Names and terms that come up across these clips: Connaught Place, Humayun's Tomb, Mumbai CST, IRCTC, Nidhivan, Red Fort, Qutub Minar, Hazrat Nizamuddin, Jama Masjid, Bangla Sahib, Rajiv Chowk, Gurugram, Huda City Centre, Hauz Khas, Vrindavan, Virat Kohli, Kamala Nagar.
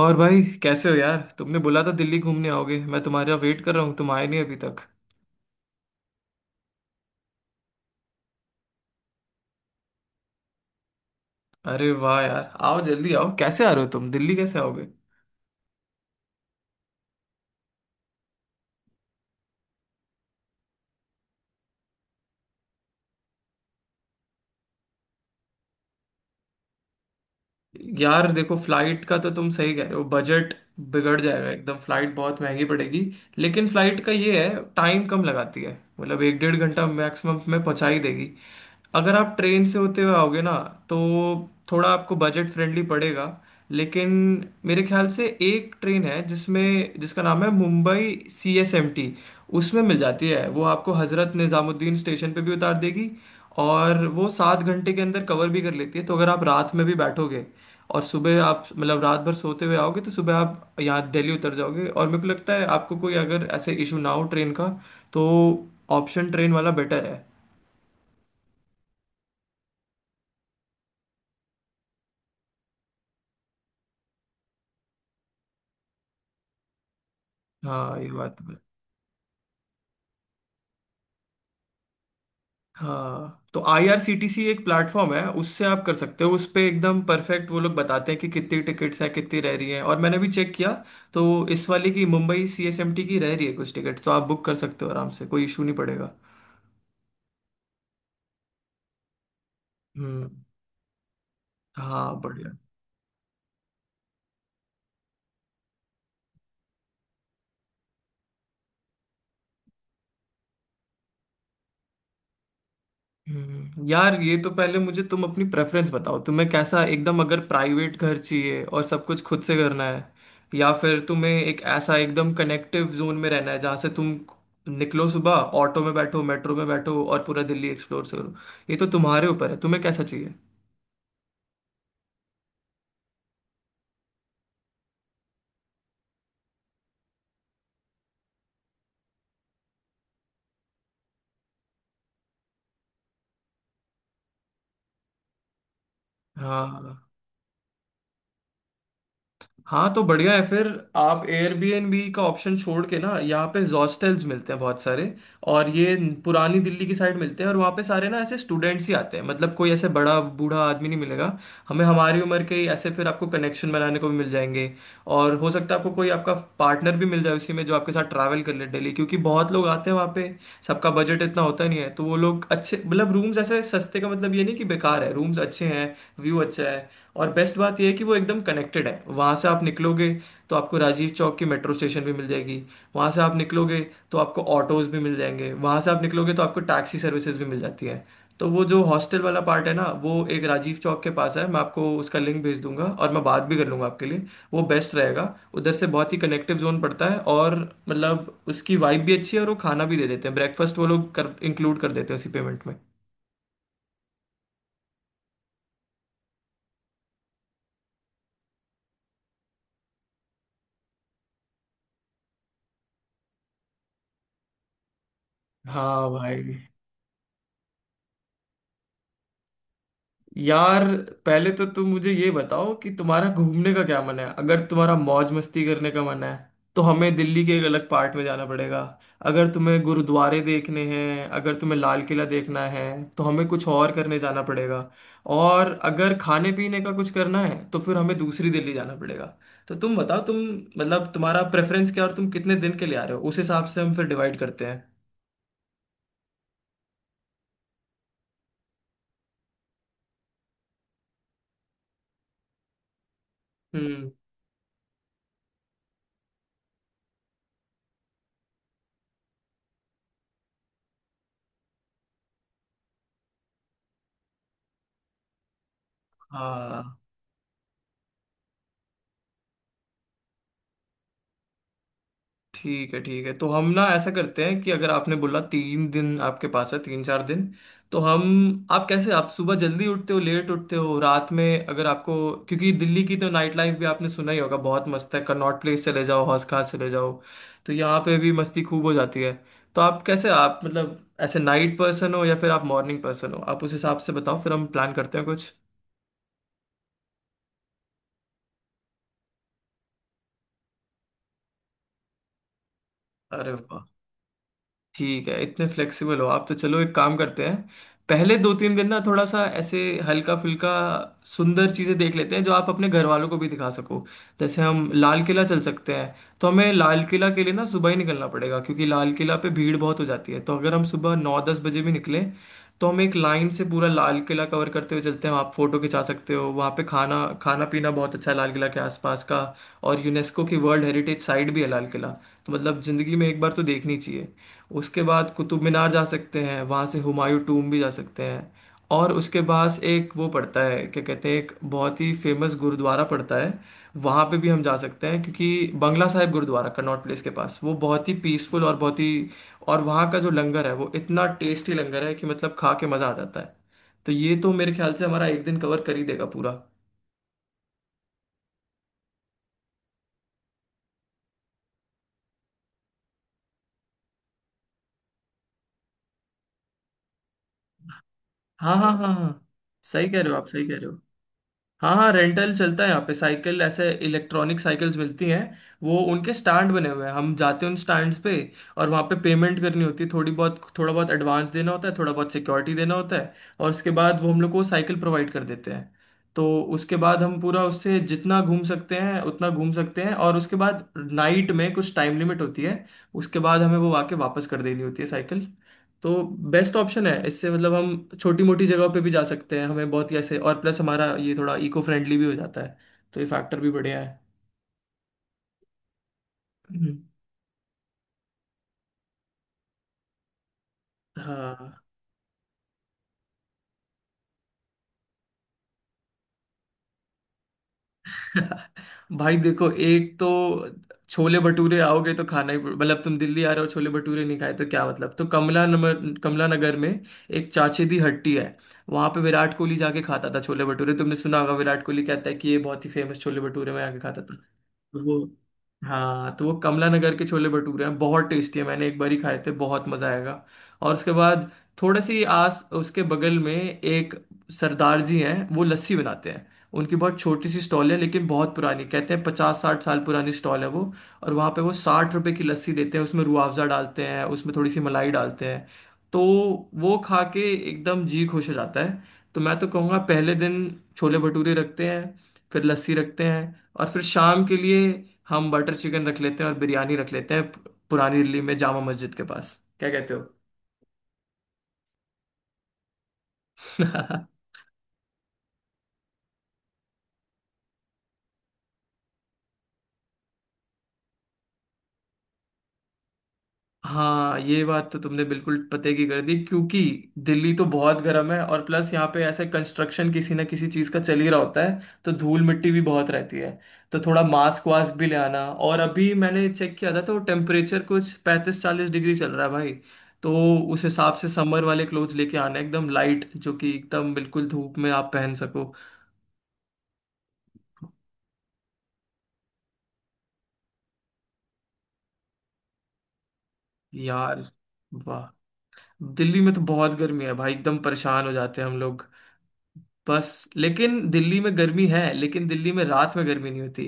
और भाई कैसे हो यार? तुमने बोला था दिल्ली घूमने आओगे, मैं तुम्हारा वेट कर रहा हूँ, तुम आए नहीं अभी तक। अरे वाह यार, आओ जल्दी आओ। कैसे आ रहे हो तुम? दिल्ली कैसे आओगे? यार देखो, फ्लाइट का तो तुम सही कह रहे हो, बजट बिगड़ जाएगा एकदम, फ्लाइट बहुत महंगी पड़ेगी। लेकिन फ्लाइट का ये है, टाइम कम लगाती है, मतलब एक डेढ़ घंटा मैक्सिमम में पहुंचा ही देगी। अगर आप ट्रेन से होते हुए आओगे ना, तो थोड़ा आपको बजट फ्रेंडली पड़ेगा। लेकिन मेरे ख्याल से एक ट्रेन है जिसमें जिसका नाम है Mumbai C S M T. उसमें मिल जाती है, वो आपको हज़रत निज़ामुद्दीन स्टेशन पे भी उतार देगी। और वो 7 घंटे के अंदर कवर भी कर लेती है, तो अगर आप रात में भी बैठोगे और सुबह आप मतलब रात भर सोते हुए आओगे तो सुबह आप यहाँ दिल्ली उतर जाओगे। और मेरे को लगता है आपको कोई अगर ऐसे इशू ना हो ट्रेन का, तो ऑप्शन ट्रेन वाला बेटर है। हाँ ये बात। हाँ तो आईआरसीटीसी एक प्लेटफॉर्म है, उससे आप कर सकते हो। उस पे एकदम परफेक्ट वो लोग बताते हैं कि कितनी टिकट्स हैं, कितनी रह रही हैं, और मैंने भी चेक किया तो इस वाले की मुंबई सीएसएमटी की रह रही है कुछ टिकट, तो आप बुक कर सकते हो आराम से, कोई इशू नहीं पड़ेगा। हम्म। हाँ बढ़िया। यार ये तो पहले मुझे तुम अपनी प्रेफरेंस बताओ, तुम्हें कैसा? एकदम अगर प्राइवेट घर चाहिए और सब कुछ खुद से करना है, या फिर तुम्हें एक ऐसा एकदम कनेक्टिव जोन में रहना है जहाँ से तुम निकलो सुबह, ऑटो में बैठो, मेट्रो में बैठो और पूरा दिल्ली एक्सप्लोर करो। ये तो तुम्हारे ऊपर है, तुम्हें कैसा चाहिए? हाँ। हाँ तो बढ़िया है फिर, आप एयरबीएनबी का ऑप्शन छोड़ के ना, यहाँ पे हॉस्टल्स मिलते हैं बहुत सारे। और ये पुरानी दिल्ली की साइड मिलते हैं और वहाँ पे सारे ना ऐसे स्टूडेंट्स ही आते हैं, मतलब कोई ऐसे बड़ा बूढ़ा आदमी नहीं मिलेगा, हमें हमारी उम्र के ही ऐसे, फिर आपको कनेक्शन बनाने को भी मिल जाएंगे। और हो सकता है आपको कोई आपका पार्टनर भी मिल जाए उसी में जो आपके साथ ट्रैवल कर ले डेली, क्योंकि बहुत लोग आते हैं वहाँ पे। सबका बजट इतना होता नहीं है तो वो लोग अच्छे, मतलब रूम्स ऐसे सस्ते, का मतलब ये नहीं कि बेकार है, रूम्स अच्छे हैं, व्यू अच्छा है। और बेस्ट बात यह है कि वो एकदम कनेक्टेड है, वहाँ से आप निकलोगे तो आपको राजीव चौक की मेट्रो स्टेशन भी मिल जाएगी, वहाँ से आप निकलोगे तो आपको ऑटोज भी मिल जाएंगे, वहाँ से आप निकलोगे तो आपको टैक्सी सर्विसेज भी मिल जाती है। तो वो जो हॉस्टल वाला पार्ट है ना, वो एक राजीव चौक के पास है, मैं आपको उसका लिंक भेज दूंगा और मैं बात भी कर लूंगा आपके लिए, वो बेस्ट रहेगा। उधर से बहुत ही कनेक्टिव जोन पड़ता है, और मतलब उसकी वाइब भी अच्छी है, और वो खाना भी दे देते हैं, ब्रेकफास्ट वो लोग कर इंक्लूड कर देते हैं उसी पेमेंट में। हाँ भाई। यार पहले तो तुम मुझे ये बताओ कि तुम्हारा घूमने का क्या मन है? अगर तुम्हारा मौज मस्ती करने का मन है तो हमें दिल्ली के एक अलग पार्ट में जाना पड़ेगा। अगर तुम्हें गुरुद्वारे देखने हैं, अगर तुम्हें लाल किला देखना है, तो हमें कुछ और करने जाना पड़ेगा। और अगर खाने पीने का कुछ करना है तो फिर हमें दूसरी दिल्ली जाना पड़ेगा। तो तुम बताओ, तुम मतलब तुम्हारा प्रेफरेंस क्या है और तुम कितने दिन के लिए आ रहे हो, उस हिसाब से हम फिर डिवाइड करते हैं। हम्म। हाँ ठीक है ठीक है। तो हम ना ऐसा करते हैं कि अगर आपने बोला तीन दिन आपके पास है, तीन चार दिन, तो हम आप कैसे, आप सुबह जल्दी उठते हो, लेट उठते हो, रात में अगर आपको, क्योंकि दिल्ली की तो नाइट लाइफ भी आपने सुना ही होगा बहुत मस्त है, कनॉट प्लेस चले जाओ, हौस खास चले जाओ, तो यहाँ पे भी मस्ती खूब हो जाती है। तो आप कैसे, आप मतलब ऐसे नाइट पर्सन हो या फिर आप मॉर्निंग पर्सन हो, आप उस हिसाब से बताओ फिर हम प्लान करते हैं कुछ। अरे वाह! ठीक है, इतने फ्लेक्सिबल हो आप तो चलो, एक काम करते हैं, पहले दो तीन दिन ना थोड़ा सा ऐसे हल्का फुल्का सुंदर चीज़ें देख लेते हैं जो आप अपने घर वालों को भी दिखा सको। जैसे हम लाल किला चल सकते हैं, तो हमें लाल किला के लिए ना सुबह ही निकलना पड़ेगा, क्योंकि लाल किला पे भीड़ बहुत हो जाती है। तो अगर हम सुबह 9-10 बजे भी निकले तो हम एक लाइन से पूरा लाल किला कवर करते हुए चलते हैं, आप फोटो खिंचा सकते हो वहाँ पे, खाना खाना पीना बहुत अच्छा है लाल किला के आसपास का। और यूनेस्को की वर्ल्ड हेरिटेज साइट भी है लाल किला, तो मतलब ज़िंदगी में एक बार तो देखनी चाहिए। उसके बाद कुतुब मीनार जा सकते हैं, वहाँ से हुमायूं टूम भी जा सकते हैं, और उसके पास एक वो पड़ता है, क्या कहते हैं, एक बहुत ही फेमस गुरुद्वारा पड़ता है, वहाँ पे भी हम जा सकते हैं क्योंकि बंगला साहिब गुरुद्वारा कनॉट प्लेस के पास, वो बहुत ही पीसफुल और बहुत ही, और वहाँ का जो लंगर है वो इतना टेस्टी लंगर है कि मतलब खा के मज़ा आ जाता है। तो ये तो मेरे ख्याल से हमारा एक दिन कवर कर ही देगा पूरा। हाँ हाँ हाँ हाँ, सही कह रहे हो आप, सही कह रहे हो। हाँ हाँ, रेंटल चलता है यहाँ पे, साइकिल ऐसे इलेक्ट्रॉनिक साइकिल्स मिलती हैं, वो उनके स्टैंड बने हुए हैं, हम जाते हैं उन स्टैंड्स पे और वहाँ पे पेमेंट करनी होती है थोड़ी बहुत, थोड़ा बहुत एडवांस देना होता है, थोड़ा बहुत सिक्योरिटी देना होता है, और उसके बाद वो हम लोग को साइकिल प्रोवाइड कर देते हैं। तो उसके बाद हम पूरा उससे जितना घूम सकते हैं उतना घूम सकते हैं, और उसके बाद नाइट में कुछ टाइम लिमिट होती है, उसके बाद हमें वो आके वापस कर देनी होती है साइकिल। तो बेस्ट ऑप्शन है इससे, मतलब हम छोटी मोटी जगह पे भी जा सकते हैं, हमें बहुत ही ऐसे, और प्लस हमारा ये थोड़ा इको फ्रेंडली भी हो जाता है, तो ये फैक्टर भी बढ़िया है। हम्म, हाँ। भाई देखो, एक तो छोले भटूरे, आओगे तो खाना ही, मतलब तुम दिल्ली आ रहे हो छोले भटूरे नहीं खाए तो क्या मतलब। तो कमला नगर में एक चाचे दी हट्टी है, वहां पे विराट कोहली जाके खाता था छोले भटूरे, तुमने सुना होगा, विराट कोहली कहता है कि ये बहुत ही फेमस छोले भटूरे में आके खाता था तो वो। हाँ तो वो कमला नगर के छोले भटूरे हैं, बहुत टेस्टी है, मैंने एक बार ही खाए थे, बहुत मजा आएगा। और उसके बाद थोड़े से ही आस, उसके बगल में एक सरदार जी हैं वो लस्सी बनाते हैं, उनकी बहुत छोटी सी स्टॉल है, लेकिन बहुत पुरानी, कहते हैं 50-60 साल पुरानी स्टॉल है वो। और वहाँ पे वो 60 रुपए की लस्सी देते हैं, उसमें रूह अफ़ज़ा डालते हैं, उसमें थोड़ी सी मलाई डालते हैं, तो वो खा के एकदम जी खुश हो जाता है। तो मैं तो कहूँगा पहले दिन छोले भटूरे रखते हैं, फिर लस्सी रखते हैं, और फिर शाम के लिए हम बटर चिकन रख लेते हैं और बिरयानी रख लेते हैं पुरानी दिल्ली में जामा मस्जिद के पास। क्या कहते हो? हाँ ये बात तो तुमने बिल्कुल पते की कर दी, क्योंकि दिल्ली तो बहुत गर्म है और प्लस यहाँ पे ऐसे कंस्ट्रक्शन किसी ना किसी चीज़ का चल ही रहा होता है, तो धूल मिट्टी भी बहुत रहती है, तो थोड़ा मास्क वास्क भी ले आना। और अभी मैंने चेक किया था तो टेम्परेचर कुछ 35-40 डिग्री चल रहा है भाई, तो उस हिसाब से समर वाले क्लोथ्स लेके आना, एकदम लाइट, जो कि एकदम बिल्कुल धूप में आप पहन सको। यार वाह! दिल्ली में तो बहुत गर्मी है भाई, एकदम परेशान हो जाते हैं हम लोग। बस लेकिन दिल्ली में गर्मी है, लेकिन दिल्ली में रात में गर्मी नहीं होती।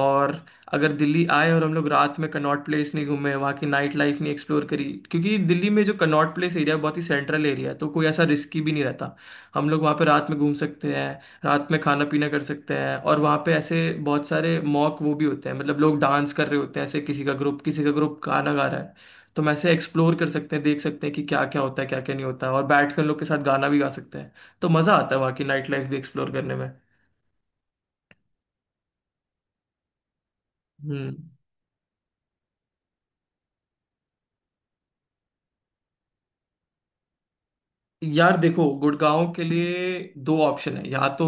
और अगर दिल्ली आए और हम लोग रात में कनॉट प्लेस नहीं घूमे, वहाँ की नाइट लाइफ नहीं एक्सप्लोर करी, क्योंकि दिल्ली में जो कनॉट प्लेस एरिया है बहुत ही सेंट्रल एरिया है, तो कोई ऐसा रिस्की भी नहीं रहता। हम लोग वहाँ पे रात में घूम सकते हैं, रात में खाना पीना कर सकते हैं, और वहाँ पे ऐसे बहुत सारे मॉक वो भी होते हैं, मतलब लोग डांस कर रहे होते हैं ऐसे, किसी का ग्रुप, किसी का ग्रुप गाना गा रहा है। तो हम ऐसे एक्सप्लोर कर सकते हैं, देख सकते हैं कि क्या क्या होता है क्या क्या नहीं होता है, और बैठ कर उन लोग के साथ गाना भी गा सकते हैं। तो मजा आता है वहाँ की नाइट लाइफ भी एक्सप्लोर करने में। हम्म। यार देखो, गुड़गांव के लिए दो ऑप्शन है, या तो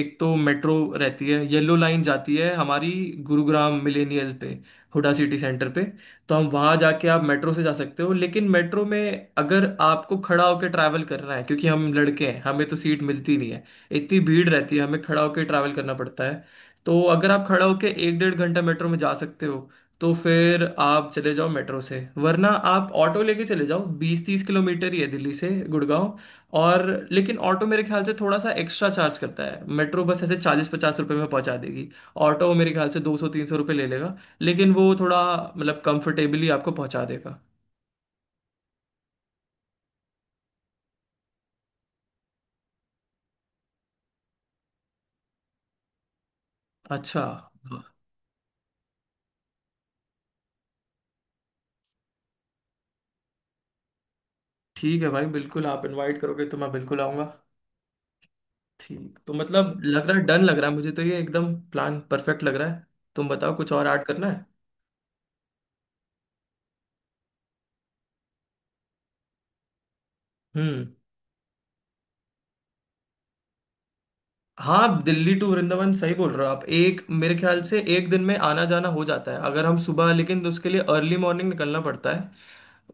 एक तो मेट्रो रहती है, येलो लाइन जाती है हमारी गुरुग्राम मिलेनियल पे, हुडा सिटी सेंटर पे, तो हम वहाँ जाके आप मेट्रो से जा सकते हो, लेकिन मेट्रो में अगर आपको खड़ा होकर ट्रैवल करना है क्योंकि हम लड़के हैं, हमें तो सीट मिलती नहीं है, इतनी भीड़ रहती है, हमें खड़ा होकर ट्रैवल करना पड़ता है। तो अगर आप खड़ा होकर एक डेढ़ घंटा मेट्रो में जा सकते हो तो फिर आप चले जाओ मेट्रो से, वरना आप ऑटो लेके चले जाओ, 20-30 किलोमीटर ही है दिल्ली से गुड़गांव। और लेकिन ऑटो मेरे ख्याल से थोड़ा सा एक्स्ट्रा चार्ज करता है, मेट्रो बस ऐसे 40-50 रुपए में पहुंचा देगी, ऑटो मेरे ख्याल से 200-300 रुपये ले लेगा, लेकिन वो थोड़ा मतलब कंफर्टेबली आपको पहुंचा देगा। अच्छा। हाँ। ठीक है भाई, बिल्कुल, आप इनवाइट करोगे तो मैं बिल्कुल आऊंगा। ठीक। तो मतलब लग रहा है डन, लग रहा है मुझे तो ये एकदम प्लान परफेक्ट लग रहा है। तुम बताओ कुछ और ऐड करना है? हम्म। हाँ, दिल्ली टू वृंदावन, सही बोल रहे हो आप, एक मेरे ख्याल से एक दिन में आना जाना हो जाता है, अगर हम सुबह, लेकिन तो उसके लिए अर्ली मॉर्निंग निकलना पड़ता है।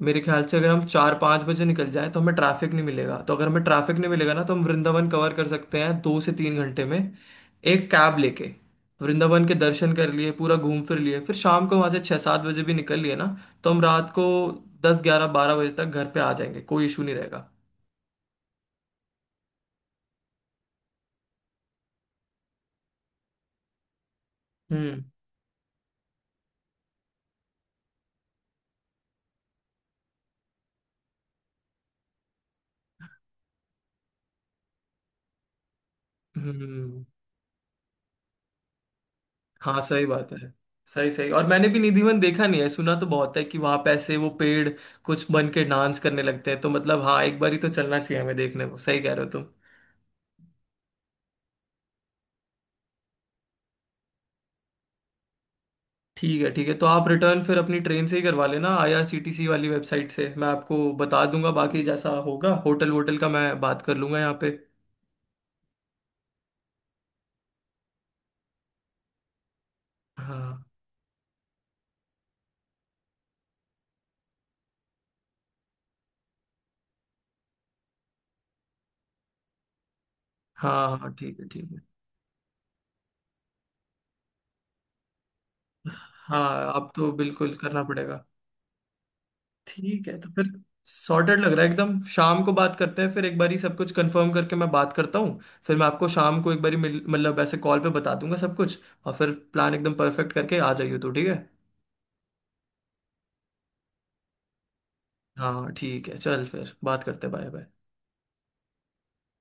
मेरे ख्याल से अगर हम 4-5 बजे निकल जाएं तो हमें ट्रैफिक नहीं मिलेगा, तो अगर हमें ट्रैफिक नहीं मिलेगा ना तो हम वृंदावन कवर कर सकते हैं 2 से 3 घंटे में, एक कैब लेके। वृंदावन के दर्शन कर लिए, पूरा घूम फिर लिए, फिर शाम को वहाँ से 6-7 बजे भी निकल लिए ना, तो हम रात को 10-11-12 बजे तक घर पे आ जाएंगे, कोई इशू नहीं रहेगा। हम्म। हम्म। हाँ सही बात है, सही सही। और मैंने भी निधिवन देखा नहीं है, सुना तो बहुत है कि वहां पे ऐसे वो पेड़ कुछ बन के डांस करने लगते हैं, तो मतलब हाँ, एक बार ही तो चलना चाहिए हमें देखने को, सही कह रहे हो तुम। ठीक है ठीक है, तो आप रिटर्न फिर अपनी ट्रेन से ही करवा लेना आईआरसीटीसी वाली वेबसाइट से, मैं आपको बता दूंगा बाकी जैसा होगा, होटल वोटल का मैं बात कर लूंगा यहाँ पे। हाँ। हाँ हाँ ठीक है ठीक है। हाँ। आप तो बिल्कुल करना पड़ेगा। ठीक है, तो फिर सॉर्टेड लग रहा है एकदम, शाम को बात करते हैं फिर एक बारी, सब कुछ कंफर्म करके मैं बात करता हूँ, फिर मैं आपको शाम को एक बारी मिल, मतलब ऐसे कॉल पे बता दूंगा सब कुछ, और फिर प्लान एकदम परफेक्ट करके आ जाइए तो ठीक है। हाँ ठीक है, चल फिर बात करते हैं, बाय बाय।